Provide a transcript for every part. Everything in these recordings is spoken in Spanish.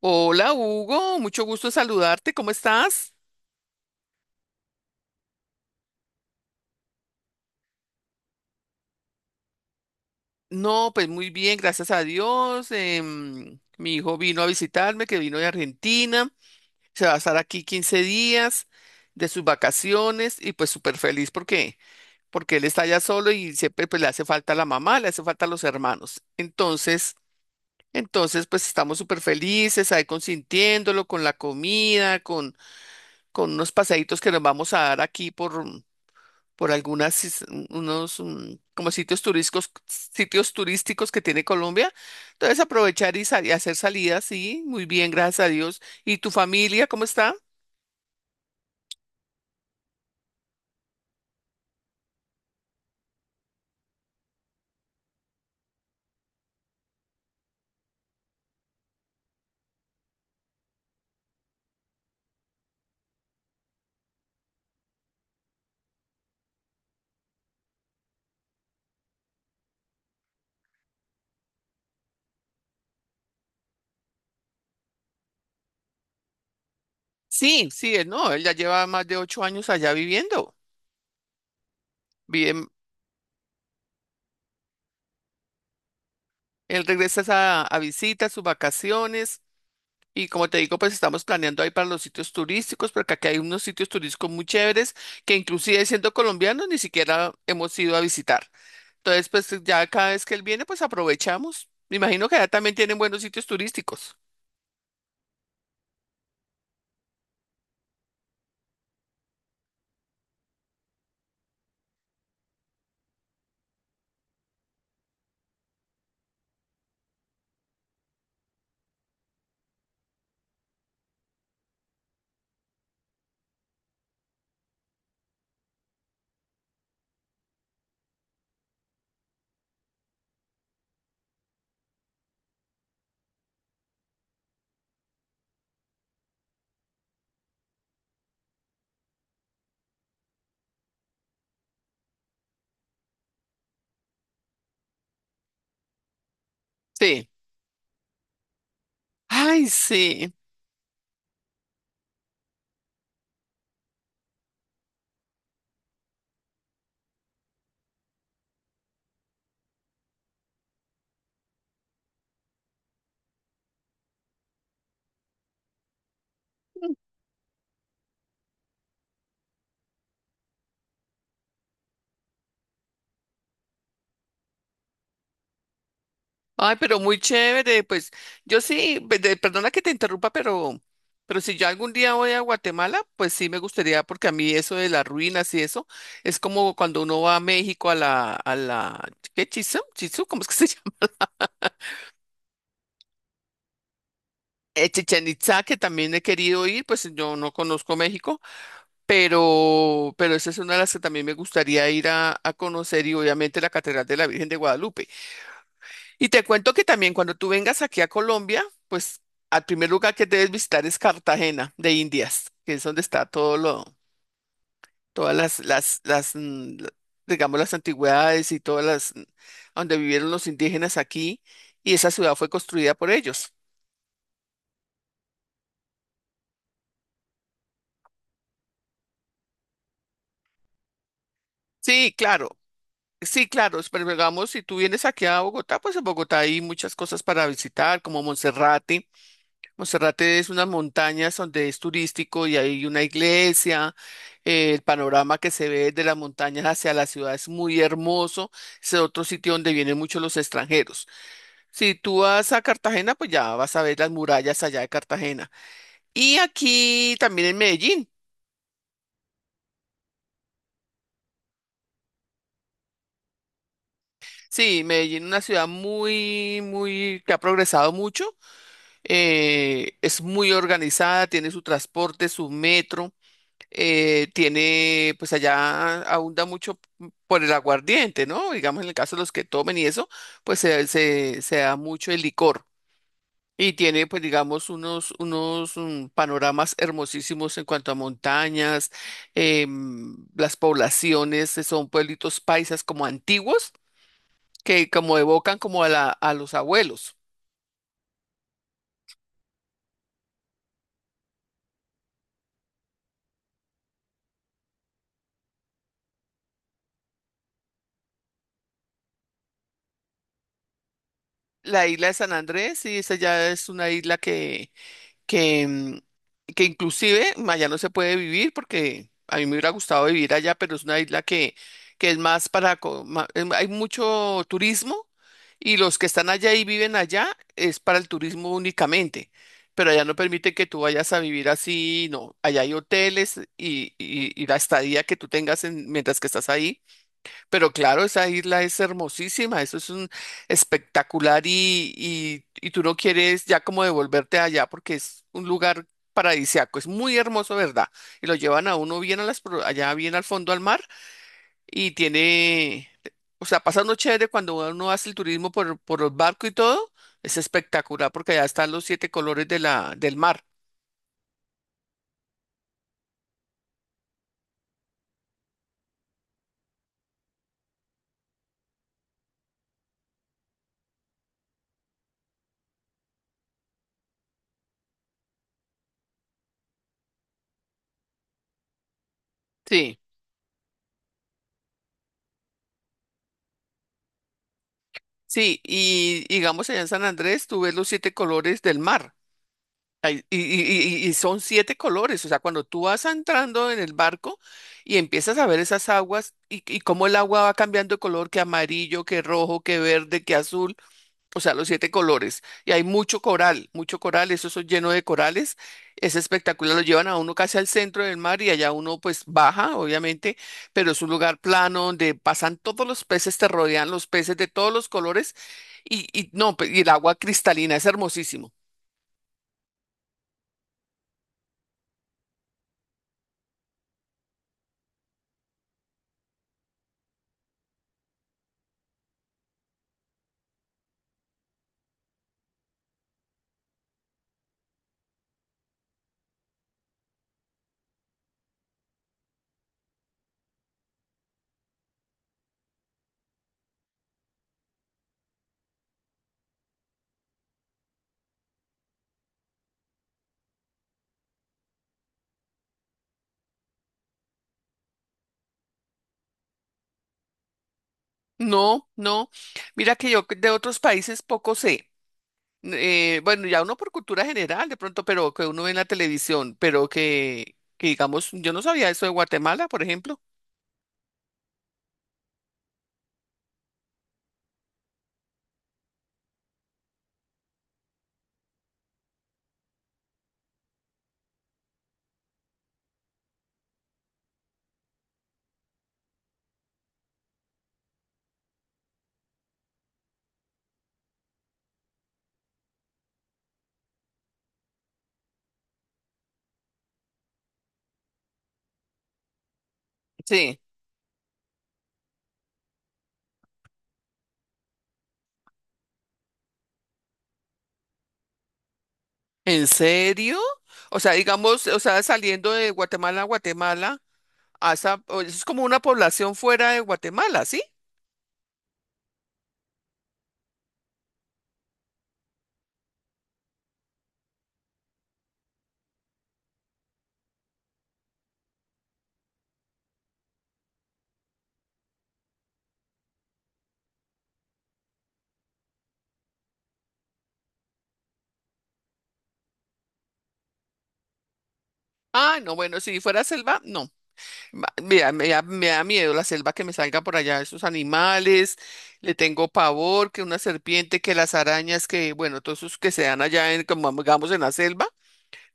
Hola Hugo, mucho gusto en saludarte, ¿cómo estás? No, pues muy bien, gracias a Dios. Mi hijo vino a visitarme, que vino de Argentina, se va a estar aquí 15 días de sus vacaciones y pues súper feliz porque él está allá solo y siempre pues le hace falta la mamá, le hace falta los hermanos. Entonces, pues estamos súper felices ahí consintiéndolo con la comida, con unos paseitos que nos vamos a dar aquí por unos como sitios turísticos que tiene Colombia. Entonces aprovechar y hacer salidas, sí, muy bien, gracias a Dios. ¿Y tu familia cómo está? Sí, sí, él no, él ya lleva más de 8 años allá viviendo. Bien, él regresa es a visitas, sus vacaciones. Y como te digo, pues estamos planeando ahí para los sitios turísticos, porque aquí hay unos sitios turísticos muy chéveres que inclusive siendo colombianos ni siquiera hemos ido a visitar. Entonces, pues ya cada vez que él viene, pues aprovechamos. Me imagino que allá también tienen buenos sitios turísticos. Sí. Ay, sí. Ay, pero muy chévere. Pues yo sí, perdona que te interrumpa, pero si yo algún día voy a Guatemala, pues sí me gustaría, porque a mí eso de las ruinas y eso, es como cuando uno va a México a la, ¿qué? Chizú, Chizú, ¿cómo es que se llama? Chichén Itzá, que también he querido ir, pues yo no conozco México. Pero esa es una de las que también me gustaría ir a conocer y obviamente la Catedral de la Virgen de Guadalupe. Y te cuento que también cuando tú vengas aquí a Colombia, pues al primer lugar que debes visitar es Cartagena de Indias, que es donde está todas las, digamos, las antigüedades y todas las, donde vivieron los indígenas aquí, y esa ciudad fue construida por ellos. Sí, claro. Sí, claro, pero digamos, si tú vienes aquí a Bogotá, pues en Bogotá hay muchas cosas para visitar, como Monserrate. Monserrate es unas montañas donde es turístico y hay una iglesia. El panorama que se ve de las montañas hacia la ciudad es muy hermoso. Es otro sitio donde vienen muchos los extranjeros. Si tú vas a Cartagena, pues ya vas a ver las murallas allá de Cartagena. Y aquí también en Medellín. Sí, Medellín, una ciudad muy, muy, que ha progresado mucho. Es muy organizada, tiene su transporte, su metro. Tiene, pues allá abunda mucho por el aguardiente, ¿no? Digamos, en el caso de los que tomen y eso, pues se da mucho el licor. Y tiene, pues, digamos, unos panoramas hermosísimos en cuanto a montañas, las poblaciones, son pueblitos paisas como antiguos, que como evocan como a la, a los abuelos. La isla de San Andrés, sí, esa ya es una isla que, mm, que inclusive allá no se puede vivir porque a mí me hubiera gustado vivir allá, pero es una isla que es más para... co- ma- em, Hay mucho turismo y los que están allá y viven allá es para el turismo únicamente, pero allá no permite que tú vayas a vivir así, no, allá hay hoteles y la estadía que tú tengas mientras que estás ahí. Pero claro, esa isla es hermosísima, eso es un espectacular y tú no quieres ya como devolverte allá porque es un lugar paradisiaco, es muy hermoso, ¿verdad? Y lo llevan a uno bien a allá bien al fondo al mar y tiene, o sea, pasa uno chévere cuando uno hace el turismo por el barco y todo. Es espectacular porque allá están los siete colores de la, del mar. Sí. Sí, y digamos allá en San Andrés tú ves los siete colores del mar. Ay, y son siete colores, o sea, cuando tú vas entrando en el barco y empiezas a ver esas aguas y cómo el agua va cambiando de color, que amarillo, que rojo, que verde, que azul, o sea, los siete colores. Y hay mucho coral, eso es lleno de corales, es espectacular, lo llevan a uno casi al centro del mar y allá uno pues baja, obviamente, pero es un lugar plano donde pasan todos los peces, te rodean los peces de todos los colores y no, y el agua cristalina, es hermosísimo. No, no. Mira que yo de otros países poco sé. Bueno, ya uno por cultura general de pronto, pero que uno ve en la televisión, pero que digamos, yo no sabía eso de Guatemala, por ejemplo. Sí. ¿En serio? O sea, digamos, o sea, saliendo de Guatemala a Guatemala. A esa, es como una población fuera de Guatemala, ¿sí? Ah, no, bueno, si fuera selva, no. Me da miedo la selva que me salga por allá, esos animales, le tengo pavor, que una serpiente, que las arañas, que bueno, todos esos que se dan allá en, como digamos, en la selva.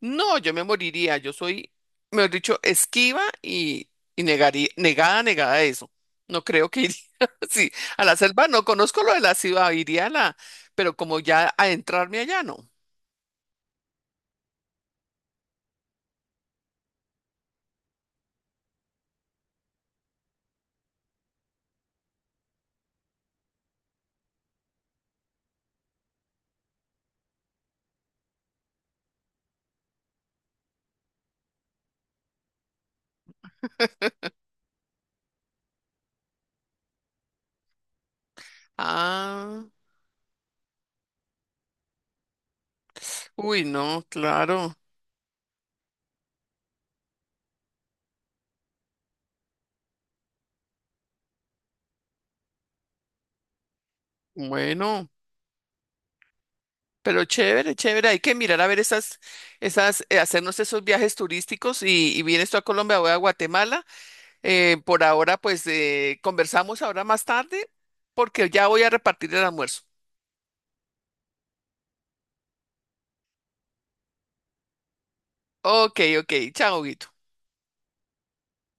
No, yo me moriría. Yo soy, mejor dicho, esquiva y negaría, negada, negada a eso. No creo que iría. Sí, a la selva no conozco lo de la ciudad, iría a la, pero como ya a adentrarme allá no. Ah, uy, no, claro. Bueno, pero chévere, chévere. Hay que mirar a ver esas, hacernos esos viajes turísticos y vienes tú a Colombia, voy a Guatemala. Por ahora, pues conversamos ahora más tarde porque ya voy a repartir el almuerzo. Ok, ok. Chao, Guito.